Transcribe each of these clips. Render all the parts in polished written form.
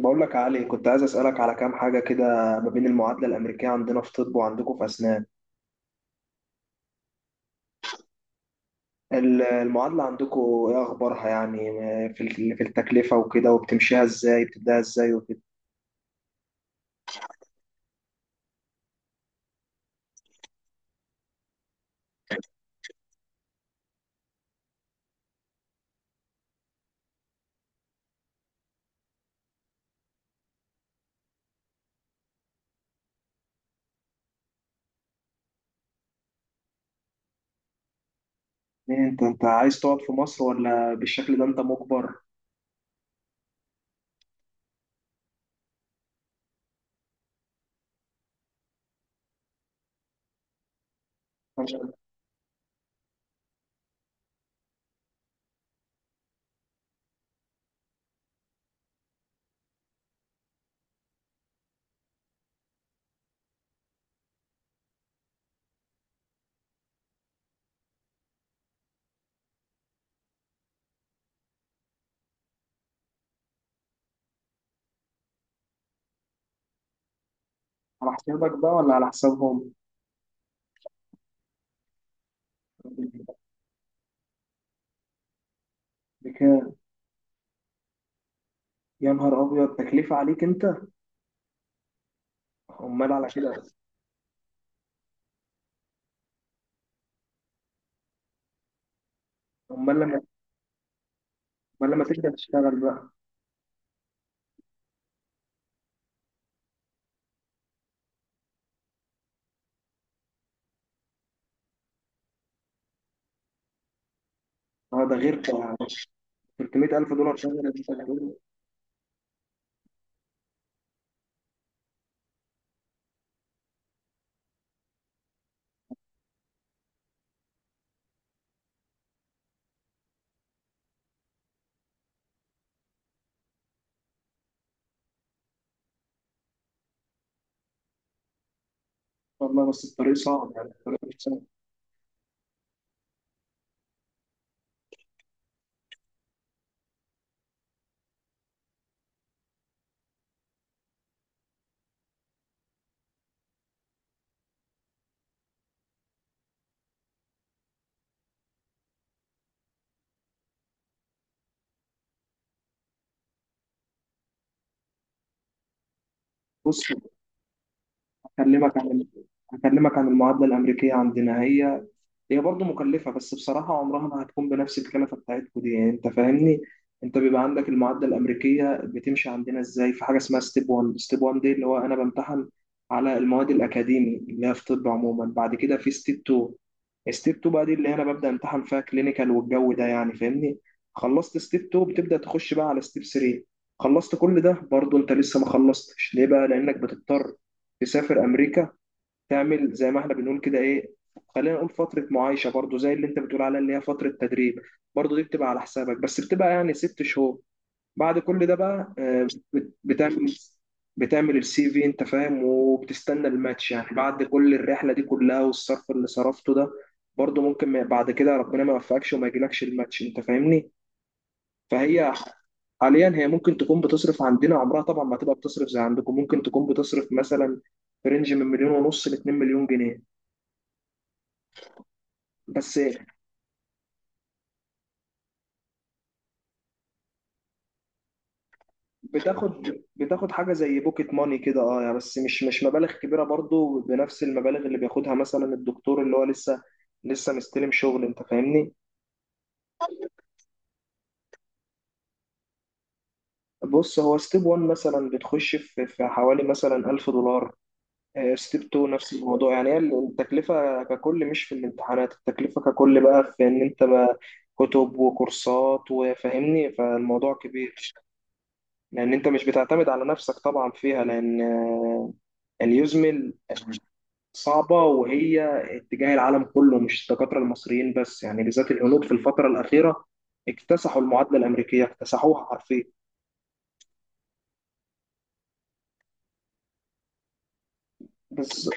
بقول لك يا علي، كنت عايز أسألك على كام حاجة كده ما بين المعادلة الأمريكية عندنا في طب وعندكم في أسنان. المعادلة عندكم إيه أخبارها يعني؟ في التكلفة وكده، وبتمشيها إزاي، بتبدأها إزاي وكده. إيه، أنت عايز تقعد في مصر ولا بالشكل ده أنت مجبر؟ أنت على حسابك بقى ولا على حسابهم؟ بكام؟ يا نهار أبيض، تكلفة عليك أنت؟ أمال على كده. أمال لما أمال لما تبدأ تشتغل بقى؟ أه ده غير $300000 شهر؟ والله بس الطريق صعب يعني، الطريق مش سهل. بص، هكلمك عن ال- هكلمك عن المعادلة الأمريكية عندنا. هي برضه مكلفة، بس بصراحة عمرها ما هتكون بنفس الكلفة بتاعتكم دي، يعني أنت فاهمني. أنت بيبقى عندك المعادلة الأمريكية بتمشي عندنا إزاي؟ في حاجة اسمها ستيب 1، ستيب 1 دي اللي هو أنا بمتحن على المواد الأكاديمي اللي هي في طب عموما. بعد كده في ستيب 2. ستيب 2 بقى دي اللي انا ببدا امتحن فيها كلينيكال والجو ده، يعني فاهمني. خلصت ستيب 2 بتبدا تخش بقى على ستيب 3. خلصت كل ده برضه انت لسه ما خلصتش ليه بقى؟ لانك بتضطر تسافر امريكا، تعمل زي ما احنا بنقول كده، ايه، خلينا نقول فتره معايشه برضه، زي اللي انت بتقول عليها اللي هي فتره تدريب. برضه دي بتبقى على حسابك، بس بتبقى يعني 6 شهور. بعد كل ده بقى بتعمل بتعمل CV، انت فاهم، وبتستنى الماتش يعني. بعد كل الرحله دي كلها والصرف اللي صرفته ده، برضه ممكن بعد كده ربنا ما يوفقكش وما يجيلكش الماتش، انت فاهمني. فهي حاليا هي ممكن تكون بتصرف عندنا، عمرها طبعا ما تبقى بتصرف زي عندكم، ممكن تكون بتصرف مثلا في رينج من مليون ونص ل 2 مليون جنيه. بس. بتاخد حاجه زي بوكيت ماني كده، اه يعني، بس مش مبالغ كبيره برضو، بنفس المبالغ اللي بياخدها مثلا الدكتور اللي هو لسه مستلم شغل، انت فاهمني. بص، هو ستيب 1 مثلا بتخش في حوالي مثلا $1000. ستيب 2 نفس الموضوع يعني، هي التكلفه ككل مش في الامتحانات، التكلفه ككل بقى في ان انت بقى كتب وكورسات وفاهمني، فالموضوع كبير. لان انت مش بتعتمد على نفسك طبعا فيها، لان اليوزمل صعبة. وهي اتجاه العالم كله، مش الدكاترة المصريين بس يعني، بالذات الهنود في الفترة الأخيرة اكتسحوا المعادلة الأمريكية، اكتسحوها حرفيا. بس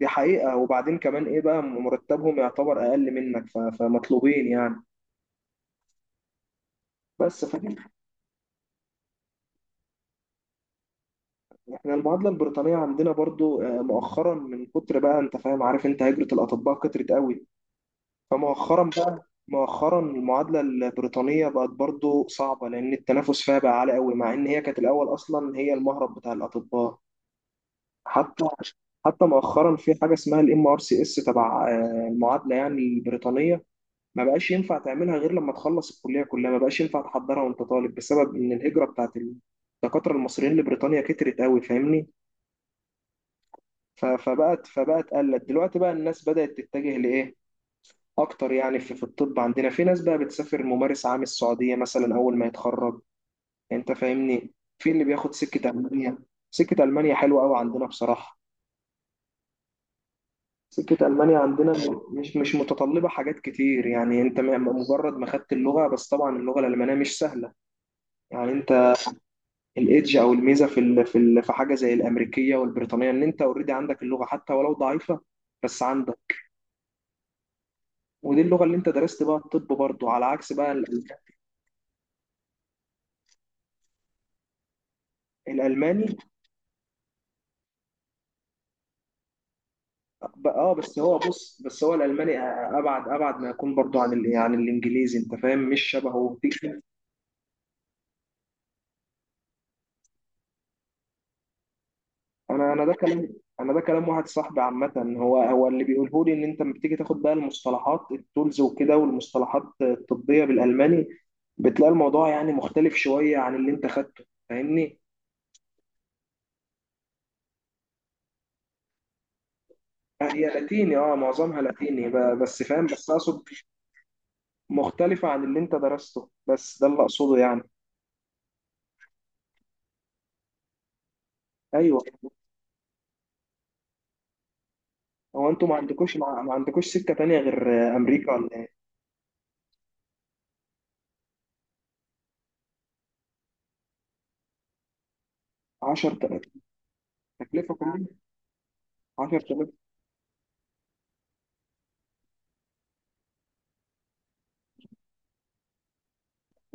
دي حقيقة، وبعدين كمان إيه بقى مرتبهم يعتبر أقل منك، فمطلوبين يعني، بس فاهم. إحنا المعادلة البريطانية عندنا برضو مؤخرا، من كتر بقى أنت فاهم، عارف أنت هجرة الأطباء كترت قوي. فمؤخرا بقى، مؤخرا المعادلة البريطانية بقت برضو صعبة، لأن التنافس فيها بقى عالي قوي، مع إن هي كانت الأول أصلا هي المهرب بتاع الأطباء. حتى حتى مؤخرا في حاجه اسمها MRCS تبع المعادله يعني البريطانيه. ما بقاش ينفع تعملها غير لما تخلص الكليه كلها، ما بقاش ينفع تحضرها وانت طالب، بسبب ان الهجره بتاعت الدكاتره المصريين لبريطانيا كترت قوي، فاهمني. فبقت قلت دلوقتي بقى الناس بدات تتجه لايه اكتر يعني. في الطب عندنا في ناس بقى بتسافر ممارس عام السعوديه مثلا اول ما يتخرج، انت فاهمني. في اللي بياخد سكه المانيا، سكه المانيا حلوه قوي عندنا بصراحه. سكة ألمانيا عندنا مش متطلبة حاجات كتير يعني، أنت مجرد ما خدت اللغة، بس طبعا اللغة الألمانية مش سهلة. يعني أنت الإيدج أو الميزة في حاجة زي الأمريكية والبريطانية إن أنت أوريدي عندك اللغة حتى ولو ضعيفة، بس عندك. ودي اللغة اللي أنت درست بقى الطب برضه، على عكس بقى الألماني. ب- أه بس هو، بص، بس هو الألماني أبعد ما يكون برضه عن الإنجليزي، أنت فاهم، مش شبهه في. انا ده كلام، انا ده كلام واحد صاحبي عامه. هو اللي بيقوله لي ان انت لما بتيجي تاخد بقى المصطلحات التولز وكده، والمصطلحات الطبيه بالالماني بتلاقي الموضوع يعني مختلف شويه عن اللي انت خدته، فاهمني. هي لاتيني، اه، معظمها لاتيني، بس فاهم، بس اقصد مختلفه عن اللي انت درسته، بس ده اللي اقصده يعني. ايوه، هو انتوا ما عندكوش سكه تانية غير امريكا ولا؟ 10000. تكلفه كلها. 10000.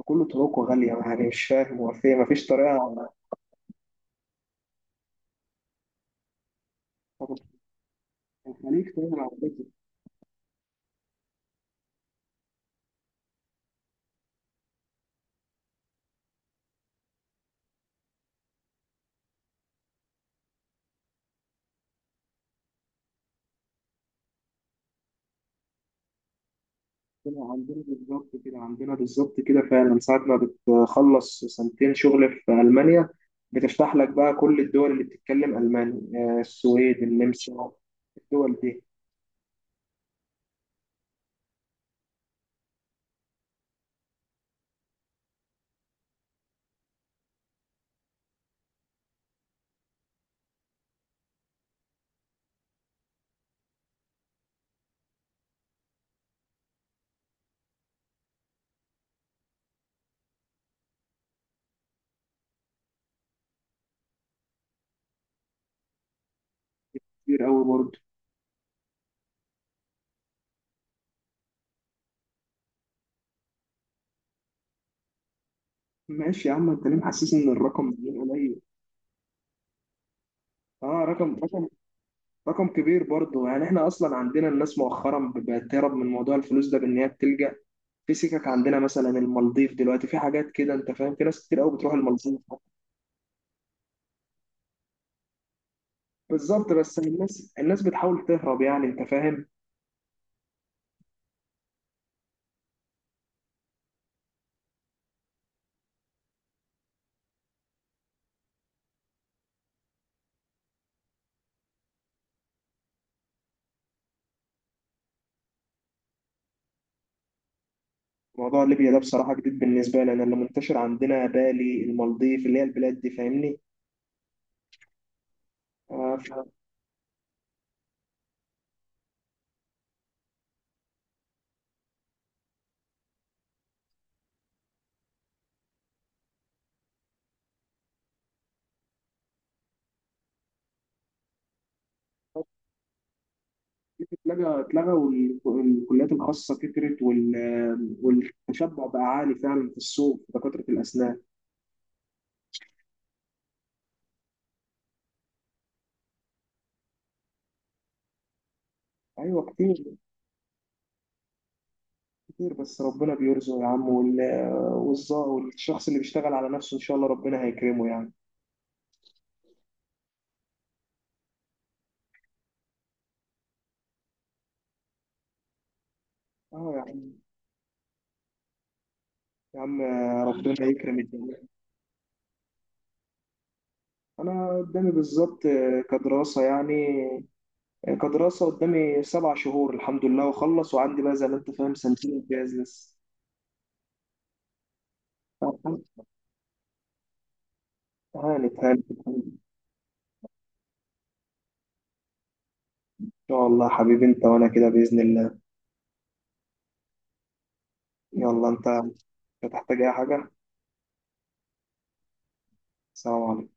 كله طرقه غاليه يعني، مش فاهم، هو في ما فيش طريقه؟ الخليج طبعا عندنا. طلع عندنا بالظبط كده، عندنا بالظبط كده فعلا ساعة ما بتخلص سنتين شغل في ألمانيا بتفتح لك بقى كل الدول اللي بتتكلم ألماني. السويد، النمسا، الدول دي. كتير أوي برضه. ماشي يا عم، أنت ليه محسسني إن الرقم مليون قليل؟ أه، رقم كبير برضه يعني، إحنا أصلا عندنا الناس مؤخرا بقت تهرب من موضوع الفلوس ده، بإن هي بتلجأ في سكك عندنا مثلا المالديف دلوقتي، في حاجات كده، أنت فاهم، في ناس كتير أوي بتروح المالديف. بالظبط، بس الناس بتحاول تهرب يعني، انت فاهم. موضوع ليبيا ده بصراحة جديد بالنسبة لي، انا اللي منتشر عندنا بالي المالديف اللي هي البلاد دي، فاهمني. آه، ف اتلغى، اتلغى والكليات الخاصة كترت، والتشبع بقى عالي فعلا في السوق في دكاترة الأسنان. أيوة كتير. كتير بس ربنا بيرزق يا عم، والشخص اللي بيشتغل على نفسه إن شاء الله ربنا هيكرمه يعني. اه يا عم، يا عم، ربنا يكرم الجميع. أنا قدامي بالظبط، كدراسة يعني، كدراسة قدامي 7 شهور الحمد لله وأخلص، وعندي بقى زي ما أنت فاهم سنتين امتياز لسه. هانت هانت إن شاء الله يا حبيبي، أنت وأنا كده بإذن الله. يلا أنت، مش هتحتاج أي حاجة. سلام عليكم.